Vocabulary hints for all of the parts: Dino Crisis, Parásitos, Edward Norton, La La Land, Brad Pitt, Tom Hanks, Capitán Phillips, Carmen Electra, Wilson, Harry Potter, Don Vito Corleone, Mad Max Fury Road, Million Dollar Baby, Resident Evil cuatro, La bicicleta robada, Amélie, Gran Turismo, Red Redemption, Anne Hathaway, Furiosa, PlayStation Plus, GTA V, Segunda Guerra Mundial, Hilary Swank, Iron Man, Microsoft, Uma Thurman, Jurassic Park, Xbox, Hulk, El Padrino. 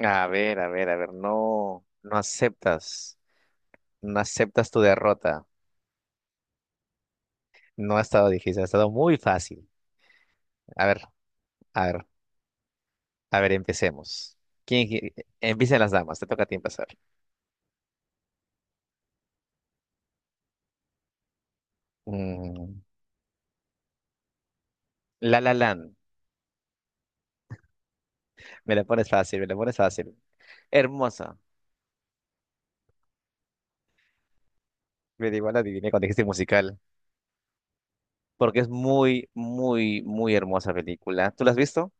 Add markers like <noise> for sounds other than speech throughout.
A ver, a ver, a ver, no, no aceptas tu derrota. No ha estado difícil, ha estado muy fácil. A ver, a ver, a ver, empecemos. ¿Quién, qui- Empiecen las damas, te toca a ti empezar. Mm, La La Land, me la pones fácil, me la pones fácil. Hermosa, me da igual adiviné cuando dijiste musical, porque es muy, muy, muy hermosa película. ¿Tú la has visto?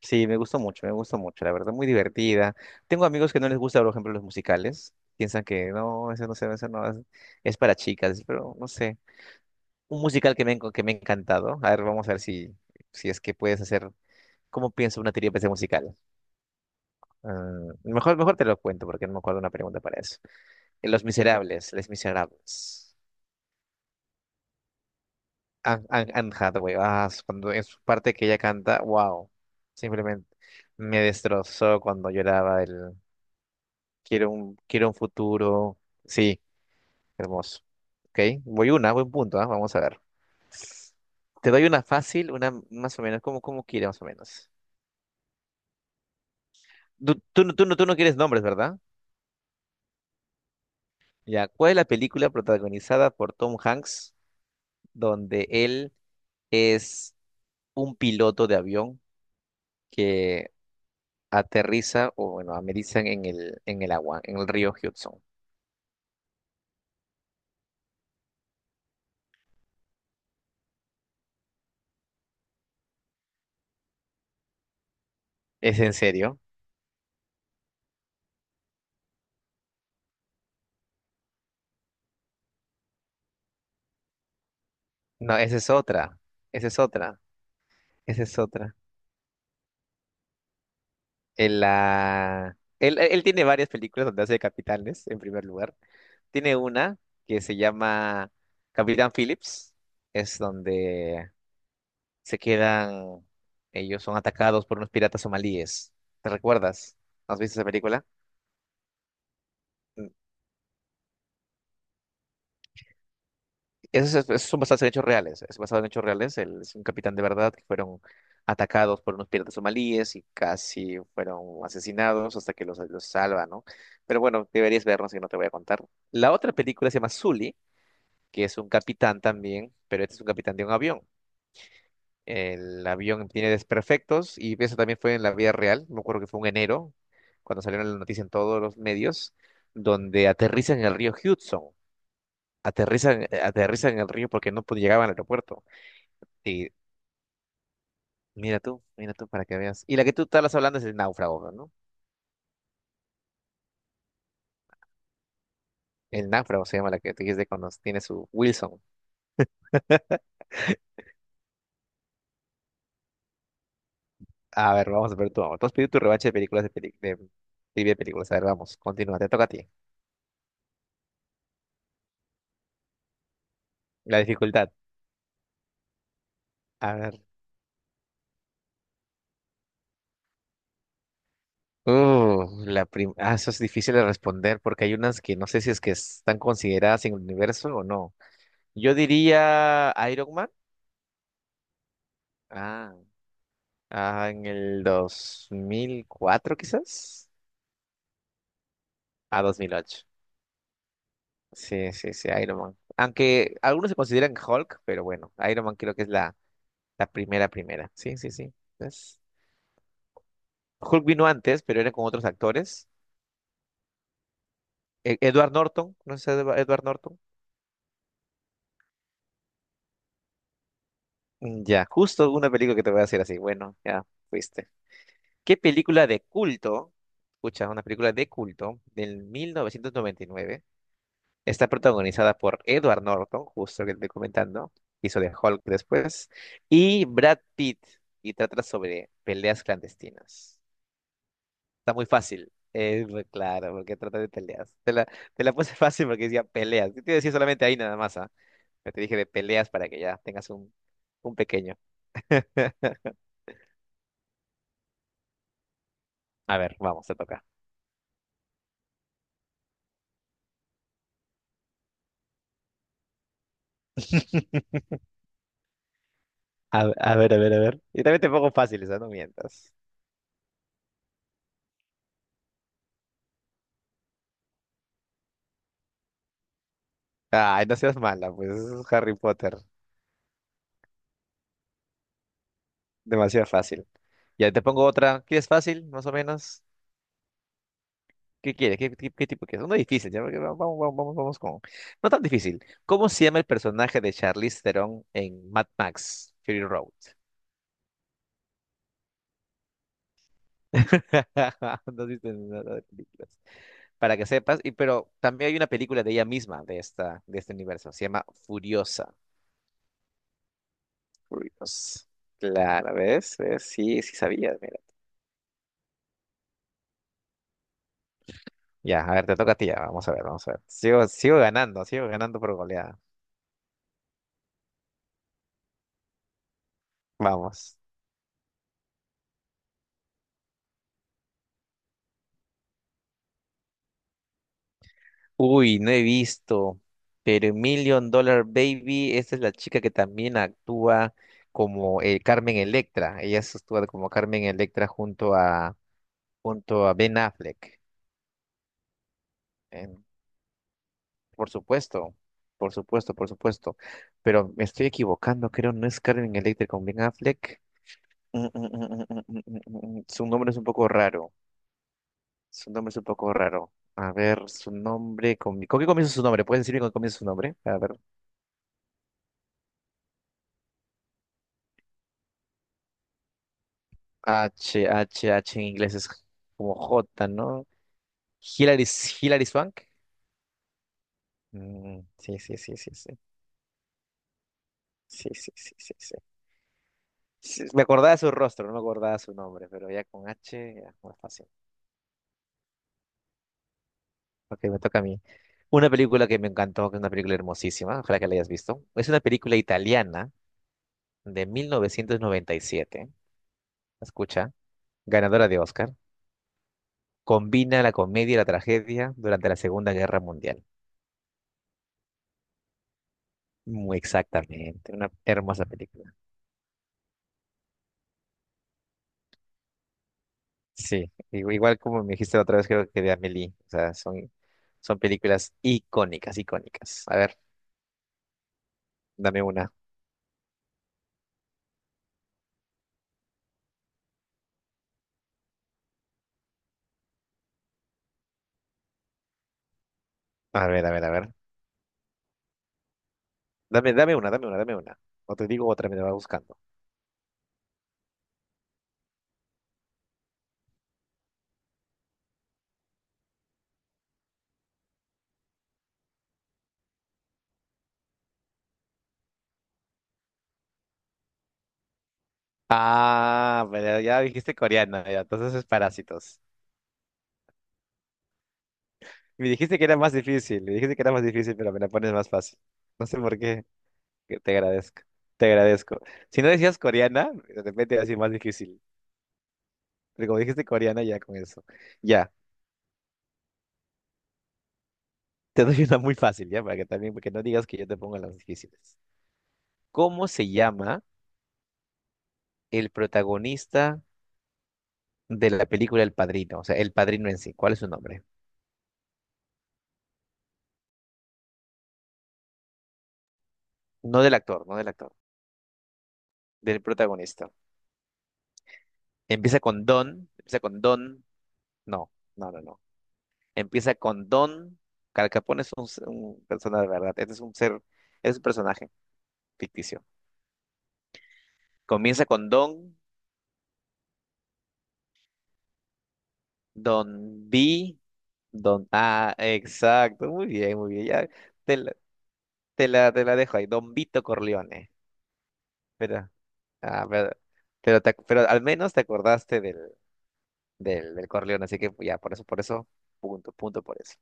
Sí, me gustó mucho, la verdad, muy divertida. Tengo amigos que no les gusta, por ejemplo, los musicales. Piensan que no, eso no es, es para chicas, pero no sé. Un musical que me ha encantado. A ver, vamos a ver si es que puedes hacer, ¿cómo pienso una teoría de musical? Ah, mejor te lo cuento porque no me acuerdo una pregunta para eso. Los Miserables, Les Miserables. Anne Hathaway, cuando en su parte que ella canta, wow, simplemente me destrozó cuando lloraba. Quiero un futuro. Sí, hermoso. Ok, voy una, buen punto, ¿ah? Vamos a ver. Te doy una fácil, una más o menos, como quiere, más o menos. Tú no quieres nombres, ¿verdad? Ya, ¿cuál es la película protagonizada por Tom Hanks donde él es un piloto de avión que aterriza o, bueno, amerizan en el agua, en el río Hudson? ¿Es en serio? No, esa es otra. Esa es otra. Esa es otra. Él tiene varias películas donde hace de capitanes, en primer lugar. Tiene una que se llama Capitán Phillips. Es donde se quedan... ellos son atacados por unos piratas somalíes. ¿Te recuerdas? ¿Has visto esa película? Son basados en hechos reales. Es basado en hechos reales. Él es un capitán de verdad que fueron atacados por unos piratas somalíes y casi fueron asesinados hasta que los salva, ¿no? Pero bueno, deberías vernos y no te voy a contar. La otra película se llama Sully, que es un capitán también, pero este es un capitán de un avión. El avión tiene desperfectos y eso también fue en la vida real. Me acuerdo que fue en enero, cuando salieron la noticia en todos los medios, donde aterrizan en el río Hudson. Aterrizan en el río porque no pod- llegaban al aeropuerto. Sí, mira tú para que veas. Y la que tú estabas hablando es el náufrago, ¿no? El náufrago se llama la que tú dijiste cuando tiene su Wilson. A ver, vamos a ver tú. Tú has pedido tu revancha de películas de trivia de películas. A ver, vamos, continúa, te toca a ti. La dificultad. A ver. Eso es difícil de responder porque hay unas que no sé si es que están consideradas en el universo o no. Yo diría Iron Man. Ah, en el 2004 quizás. A 2008. Sí, sí, sí, Iron Man. Aunque algunos se consideran Hulk, pero bueno, Iron Man creo que es la primera, primera. Sí, sí, sí. Es- Hulk vino antes, pero era con otros actores. Edward Norton, ¿no es Edward Norton? Ya, justo una película que te voy a hacer así. Bueno, ya fuiste. ¿Qué película de culto? Escucha, una película de culto del 1999. Está protagonizada por Edward Norton, justo que te estoy comentando, hizo de Hulk después, y Brad Pitt, y trata sobre peleas clandestinas. Está muy fácil, es muy claro, porque trata de peleas. Te la puse <laughs> fácil porque decía peleas. Yo te decía solamente ahí nada más, ¿ah? Pero te dije de peleas para que ya tengas un pequeño. <laughs> A ver, vamos, te toca. <laughs> A ver, a ver, a ver. Y también te pongo fáciles, ¿ah? No mientas. Ay, no seas mala, pues es Harry Potter, demasiado fácil. Ya te pongo otra. ¿Quieres fácil, más o menos? ¿Qué quieres? ¿Qué tipo quieres? Uno difícil, ya, porque vamos, vamos, vamos, vamos con. No tan difícil. ¿Cómo se llama el personaje de Charlize Theron en Mad Max Fury Road? <laughs> No viste nada de películas. Para que sepas, pero también hay una película de ella misma, de esta, de este universo. Se llama Furiosa. Furiosa. Claro, ¿ves? ¿Ves? Sí, sí sabías, mira. Ya, a ver, te toca a ti, ya. Vamos a ver, vamos a ver. Sigo ganando, sigo ganando por goleada. Vamos. Uy, no he visto, pero Million Dollar Baby, esa es la chica que también actúa como Carmen Electra. Ella se actúa como Carmen Electra junto a Ben Affleck. En- por supuesto, por supuesto, por supuesto. Pero me estoy equivocando, creo, no es Carmen Electra con Ben Affleck. Mm. Su nombre es un poco raro. Su nombre es un poco raro. A ver, su nombre. ¿Con qué comienza su nombre? ¿Puedes decirme con qué comienza su nombre? H, H, H en inglés es como J, ¿no? Hilary, Hilary Swank. Mm, sí, sí, sí, sí, sí. Sí, sí, sí, sí, sí. Sí, me acordaba de su rostro, no me acordaba su nombre, pero ya con H ya es más fácil. Ok, me toca a mí. Una película que me encantó, que es una película hermosísima, ojalá que la hayas visto. Es una película italiana de 1997, escucha, ganadora de Oscar. Combina la comedia y la tragedia durante la Segunda Guerra Mundial. Muy exactamente, una hermosa película. Sí, igual como me dijiste la otra vez, creo que de Amélie. O sea, son películas icónicas, icónicas. A ver, dame una. A ver, a ver, a ver. Dame una, dame una, dame una. O te digo otra, me la va buscando. Ah, pero ya dijiste coreana, ya, entonces es Parásitos. Me dijiste que era más difícil, me dijiste que era más difícil, pero me la pones más fácil. No sé por qué, que te agradezco, te agradezco. Si no decías coreana, de repente iba a ser más difícil. Pero como dijiste coreana, ya con eso. Ya. Te doy una muy fácil, ya, para que también, porque no digas que yo te pongo las difíciles. ¿Cómo se llama el protagonista de la película El Padrino? O sea, El Padrino en sí. ¿Cuál es su nombre? No del actor, no del actor, del protagonista. Empieza con Don, empieza con Don. No, no, no, no. Empieza con Don. Al Capone es un persona de verdad. Este es un personaje ficticio. Comienza con Don, Don B, Don A. Exacto, muy bien, muy bien. Ya, te- te la dejo ahí, Don Vito Corleone. Pero, ah, pero, pero al menos te acordaste del, Corleone, así que ya, por eso, punto, punto por eso.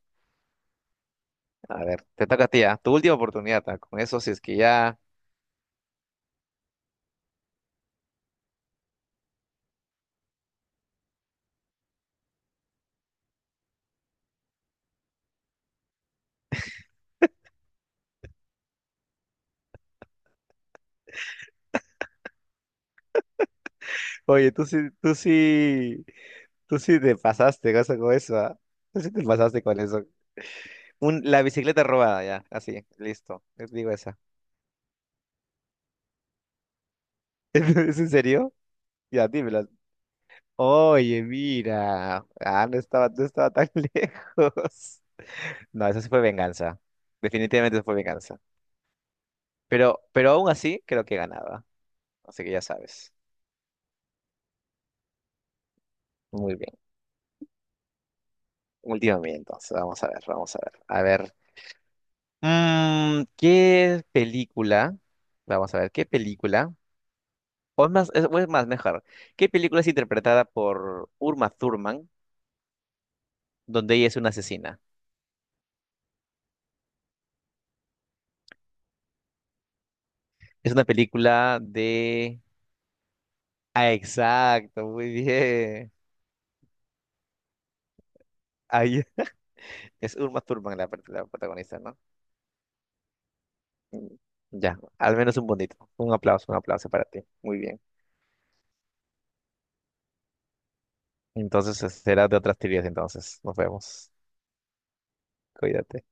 A ver, te toca a ti, ah, tu última oportunidad, ah, con eso, si es que ya. Oye, tú sí, tú sí, tú sí te pasaste cosa con eso, ah. Tú sí te pasaste con eso. La bicicleta robada, ya, así, listo. Les digo esa. <laughs> ¿Es en serio? Ya, dímela. Oye, mira. Ah, no estaba tan <laughs> lejos. No, eso sí fue venganza. Definitivamente eso fue venganza. Pero aún así creo que ganaba. Así que ya sabes. Muy bien. Última mía entonces. Vamos a ver, vamos a ver. A ver. ¿Qué película? Vamos a ver, ¿qué película? O es más, o es más, mejor. ¿Qué película es interpretada por Uma Thurman, donde ella es una asesina? Es una película de. Ah, exacto, muy bien. <laughs> Ahí es Uma Thurman la protagonista, ¿no? Ya, al menos un bonito. Un aplauso para ti. Muy bien. Entonces, será de otras teorías entonces. Nos vemos. Cuídate.